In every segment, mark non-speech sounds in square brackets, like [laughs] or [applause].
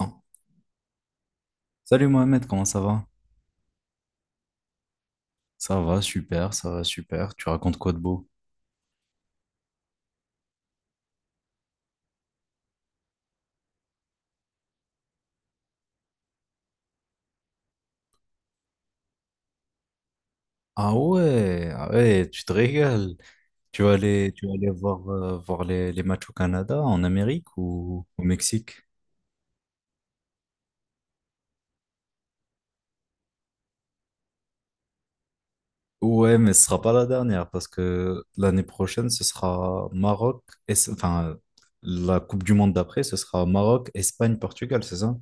Ah. Salut Mohamed, comment ça va? Ça va super, ça va super. Tu racontes quoi de beau? Ah ouais, ah ouais, tu te régales. Tu vas aller voir, voir les matchs au Canada, en Amérique ou au Mexique? Ouais, mais ce sera pas la dernière parce que l'année prochaine, ce sera Maroc, et, enfin, la Coupe du Monde d'après, ce sera Maroc, Espagne, Portugal, c'est ça?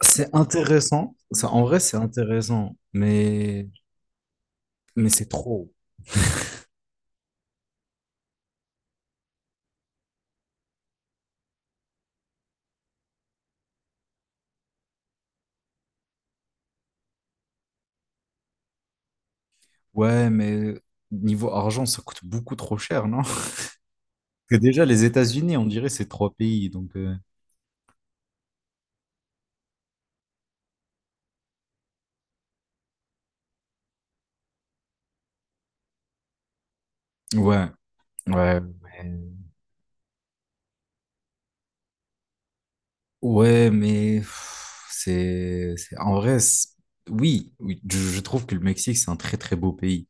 C'est intéressant. Ça, en vrai, c'est intéressant, mais c'est trop. Ouais, mais niveau argent, ça coûte beaucoup trop cher, non? Parce que déjà, les États-Unis, on dirait, c'est trois pays, donc... ouais, ouais, mais... Ouais, mais... pff, En vrai, oui, oui, je trouve que le Mexique, c'est un très, très beau pays.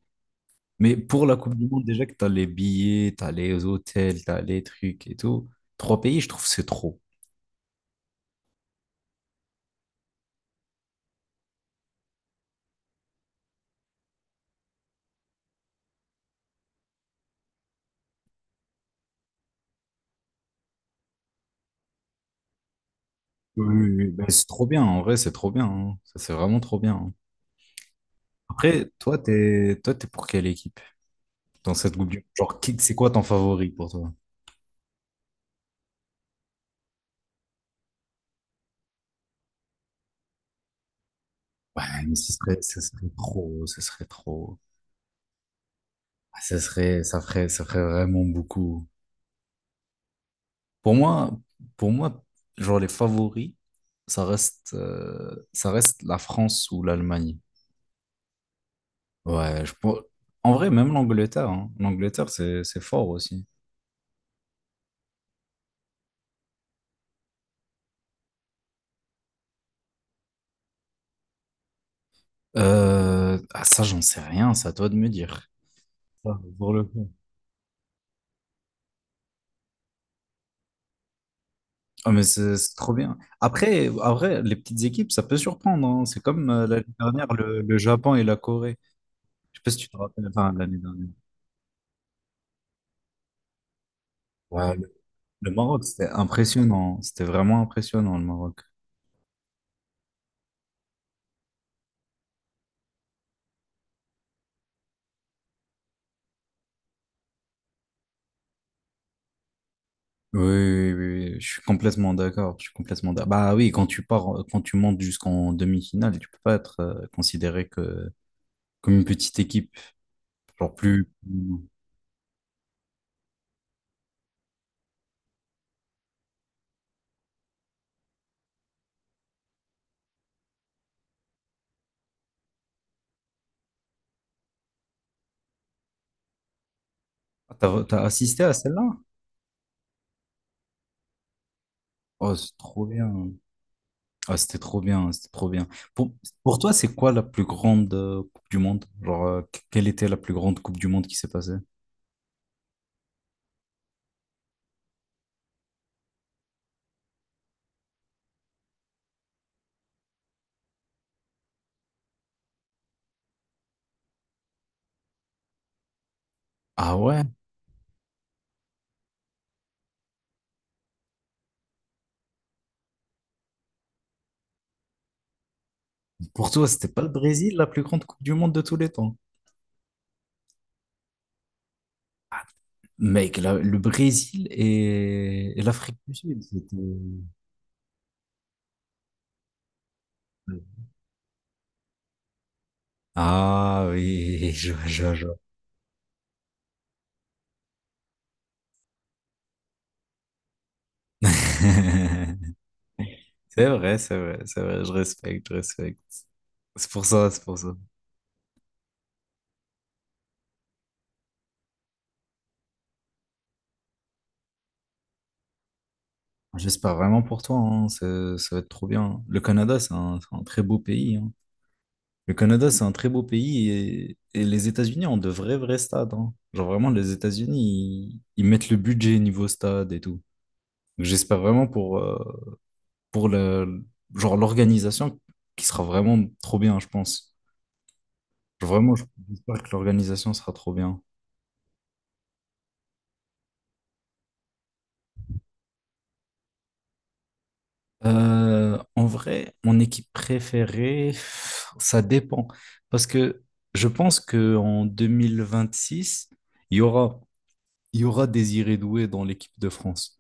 Mais pour la Coupe du Monde, déjà que t'as les billets, t'as les hôtels, t'as les trucs et tout, trois pays, je trouve, c'est trop. Oui, oui, oui, ben, c'est trop bien, en vrai, c'est trop bien, hein. Ça, c'est vraiment trop bien, hein. Après, toi, t'es pour quelle équipe dans cette Coupe du Monde? Genre, c'est quoi ton favori pour toi? Ouais, mais ce serait trop, ce serait trop. Ça serait, ça ferait vraiment beaucoup. Pour moi, pour moi, genre les favoris, ça reste la France ou l'Allemagne. Ouais, je pour- En vrai, même l'Angleterre, hein. L'Angleterre, c'est fort aussi. Ça, j'en sais rien, c'est à toi de me dire. Ça, pour le coup. Ah, mais c'est trop bien. Après, les petites équipes, ça peut surprendre, hein. C'est comme l'année dernière, le Japon et la Corée. Je sais pas si tu te rappelles, enfin, l'année dernière. Ouais, le Maroc, c'était impressionnant. C'était vraiment impressionnant, le Maroc. Oui, oui, oui, oui, je suis complètement d'accord. Je suis complètement d'accord. Bah oui, quand tu montes jusqu'en demi-finale, tu peux pas être considéré que, comme une petite équipe. Genre plus. Ah, t'as assisté à celle-là? Oh, c'est trop bien. Ah, c'était trop bien, c'était trop bien. Pour, pour toi, c'est quoi la plus grande Coupe du Monde? Genre, quelle était la plus grande Coupe du Monde qui s'est passée? Ah ouais? Pour toi, c'était pas le Brésil la plus grande Coupe du Monde de tous les temps? Mec, le Brésil et l'Afrique du Sud, c'était... Ah oui, [laughs] je vois, je vois, je vois. [laughs] C'est vrai, c'est vrai, c'est vrai, je respecte, je respecte. C'est pour ça, c'est pour ça. J'espère vraiment pour toi, hein, ça va être trop bien. Le Canada, c'est un très beau pays, hein. Le Canada, c'est un très beau pays et les États-Unis ont de vrais, vrais stades, hein. Genre vraiment, les États-Unis, ils mettent le budget niveau stade et tout. Donc, j'espère vraiment pour le, genre l'organisation qui sera vraiment trop bien, je pense. Genre, vraiment, j'espère que l'organisation sera trop bien. En vrai, mon équipe préférée, ça dépend. Parce que je pense qu'en six il y aura, il y aura Désiré Doué dans l'équipe de France.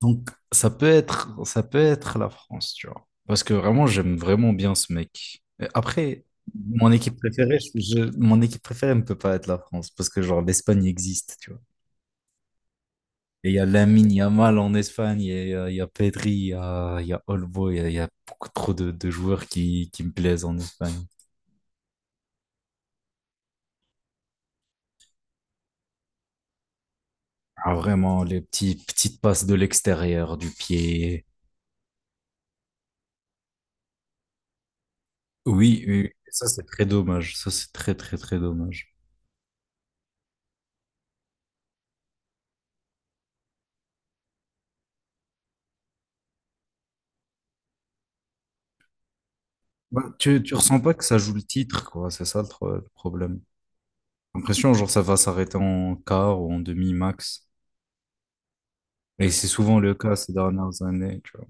Donc, ça peut être la France, tu vois. Parce que vraiment, j'aime vraiment bien ce mec. Et après, mon équipe préférée, mon équipe préférée ne peut pas être la France. Parce que, genre, l'Espagne existe, tu vois. Et il y a Lamine Yamal en Espagne, il y a Pedri, il y a Olmo, il y a beaucoup trop de joueurs qui me plaisent en Espagne. Ah, vraiment, les petites passes de l'extérieur, du pied. Oui, oui, ça c'est très dommage. Ça c'est très, très, très dommage. Bah, tu ressens pas que ça joue le titre, quoi. C'est ça le, le problème. J'ai l'impression, genre, ça va s'arrêter en quart ou en demi max. Et c'est souvent le cas ces dernières années, tu vois.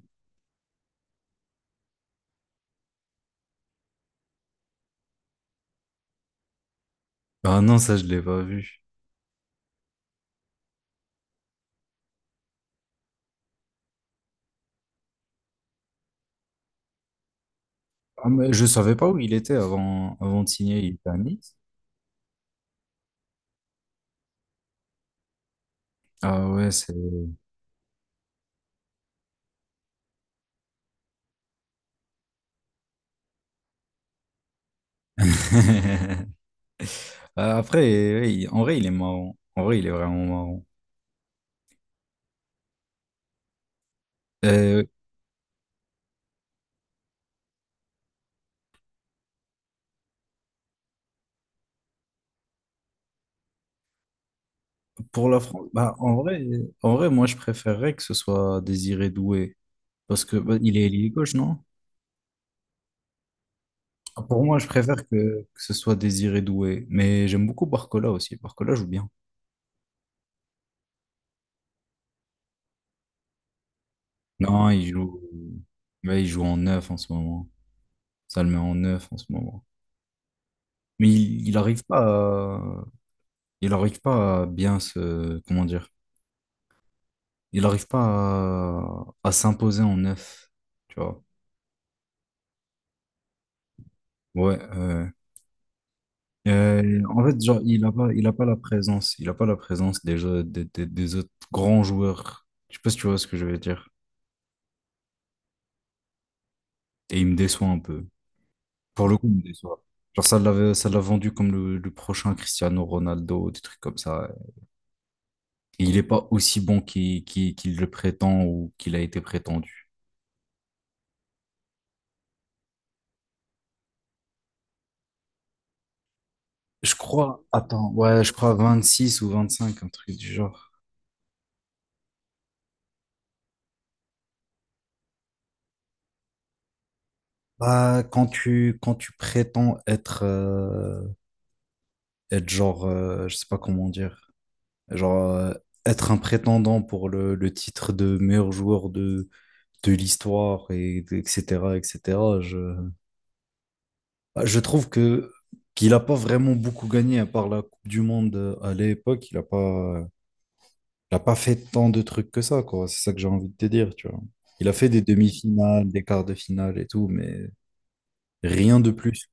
Ah non, ça, je l'ai pas vu. Ah, mais je savais pas où il était avant, avant de signer, il était à Nice. Ah ouais, c'est... [laughs] Ah, après, ouais, en vrai, il est marrant. En vrai, il est vraiment marrant. Euh, pour la France, bah, en vrai, moi, je préférerais que ce soit Désiré Doué. Parce que, bah, il est ailier gauche, non? Pour moi, je préfère que ce soit Désiré Doué, mais j'aime beaucoup Barcola aussi. Barcola joue bien. Non, il joue, ouais, il joue en neuf en ce moment. Ça le met en neuf en ce moment. Mais il arrive pas à, il arrive pas à bien se, comment dire, il arrive pas à, à s'imposer en neuf, tu vois. Ouais, ouais. En fait, genre, il a pas la présence, il a pas la présence des, des autres grands joueurs. Je sais pas si tu vois ce que je veux dire. Et il me déçoit un peu. Pour le coup, il me déçoit. Genre, ça l'a vendu comme le prochain Cristiano Ronaldo, des trucs comme ça. Et il n'est pas aussi bon qu'il le prétend ou qu'il a été prétendu. Je crois, attends, ouais, je crois 26 ou 25, un truc du genre. Bah, quand tu prétends être, être genre, je sais pas comment dire, genre, être un prétendant pour le titre de meilleur joueur de l'histoire, et, etc., etc., bah, je trouve que qu'il n'a pas vraiment beaucoup gagné à part la Coupe du Monde à l'époque. Il a pas fait tant de trucs que ça, quoi. C'est ça que j'ai envie de te dire, tu vois. Il a fait des demi-finales, des quarts de finale et tout, mais rien de plus.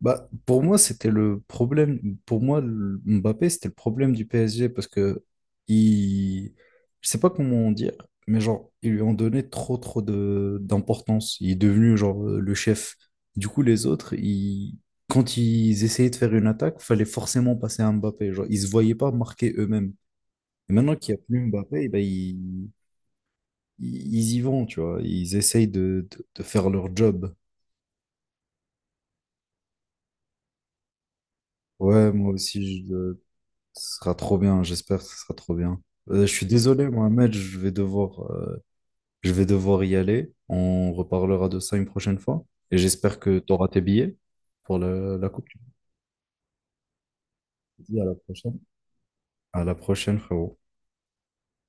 Bah, pour moi, c'était le problème. Pour moi, Mbappé, c'était le problème du PSG parce que il... je sais pas comment dire, mais genre, ils lui ont donné trop, trop de d'importance. Il est devenu genre le chef. Du coup, les autres, ils... quand ils essayaient de faire une attaque, fallait forcément passer à Mbappé. Genre, ils se voyaient pas marquer eux-mêmes. Et maintenant qu'il n'y a plus Mbappé, eh ben, ils... ils ils y vont, tu vois. Ils essayent de faire leur job. Ouais, moi aussi, je, ce sera trop bien, j'espère que ce sera trop bien. Je suis désolé, Mohamed, je vais devoir y aller. On reparlera de ça une prochaine fois. Et j'espère que tu auras tes billets pour la coupe. Je te dis à la prochaine. À la prochaine, frérot.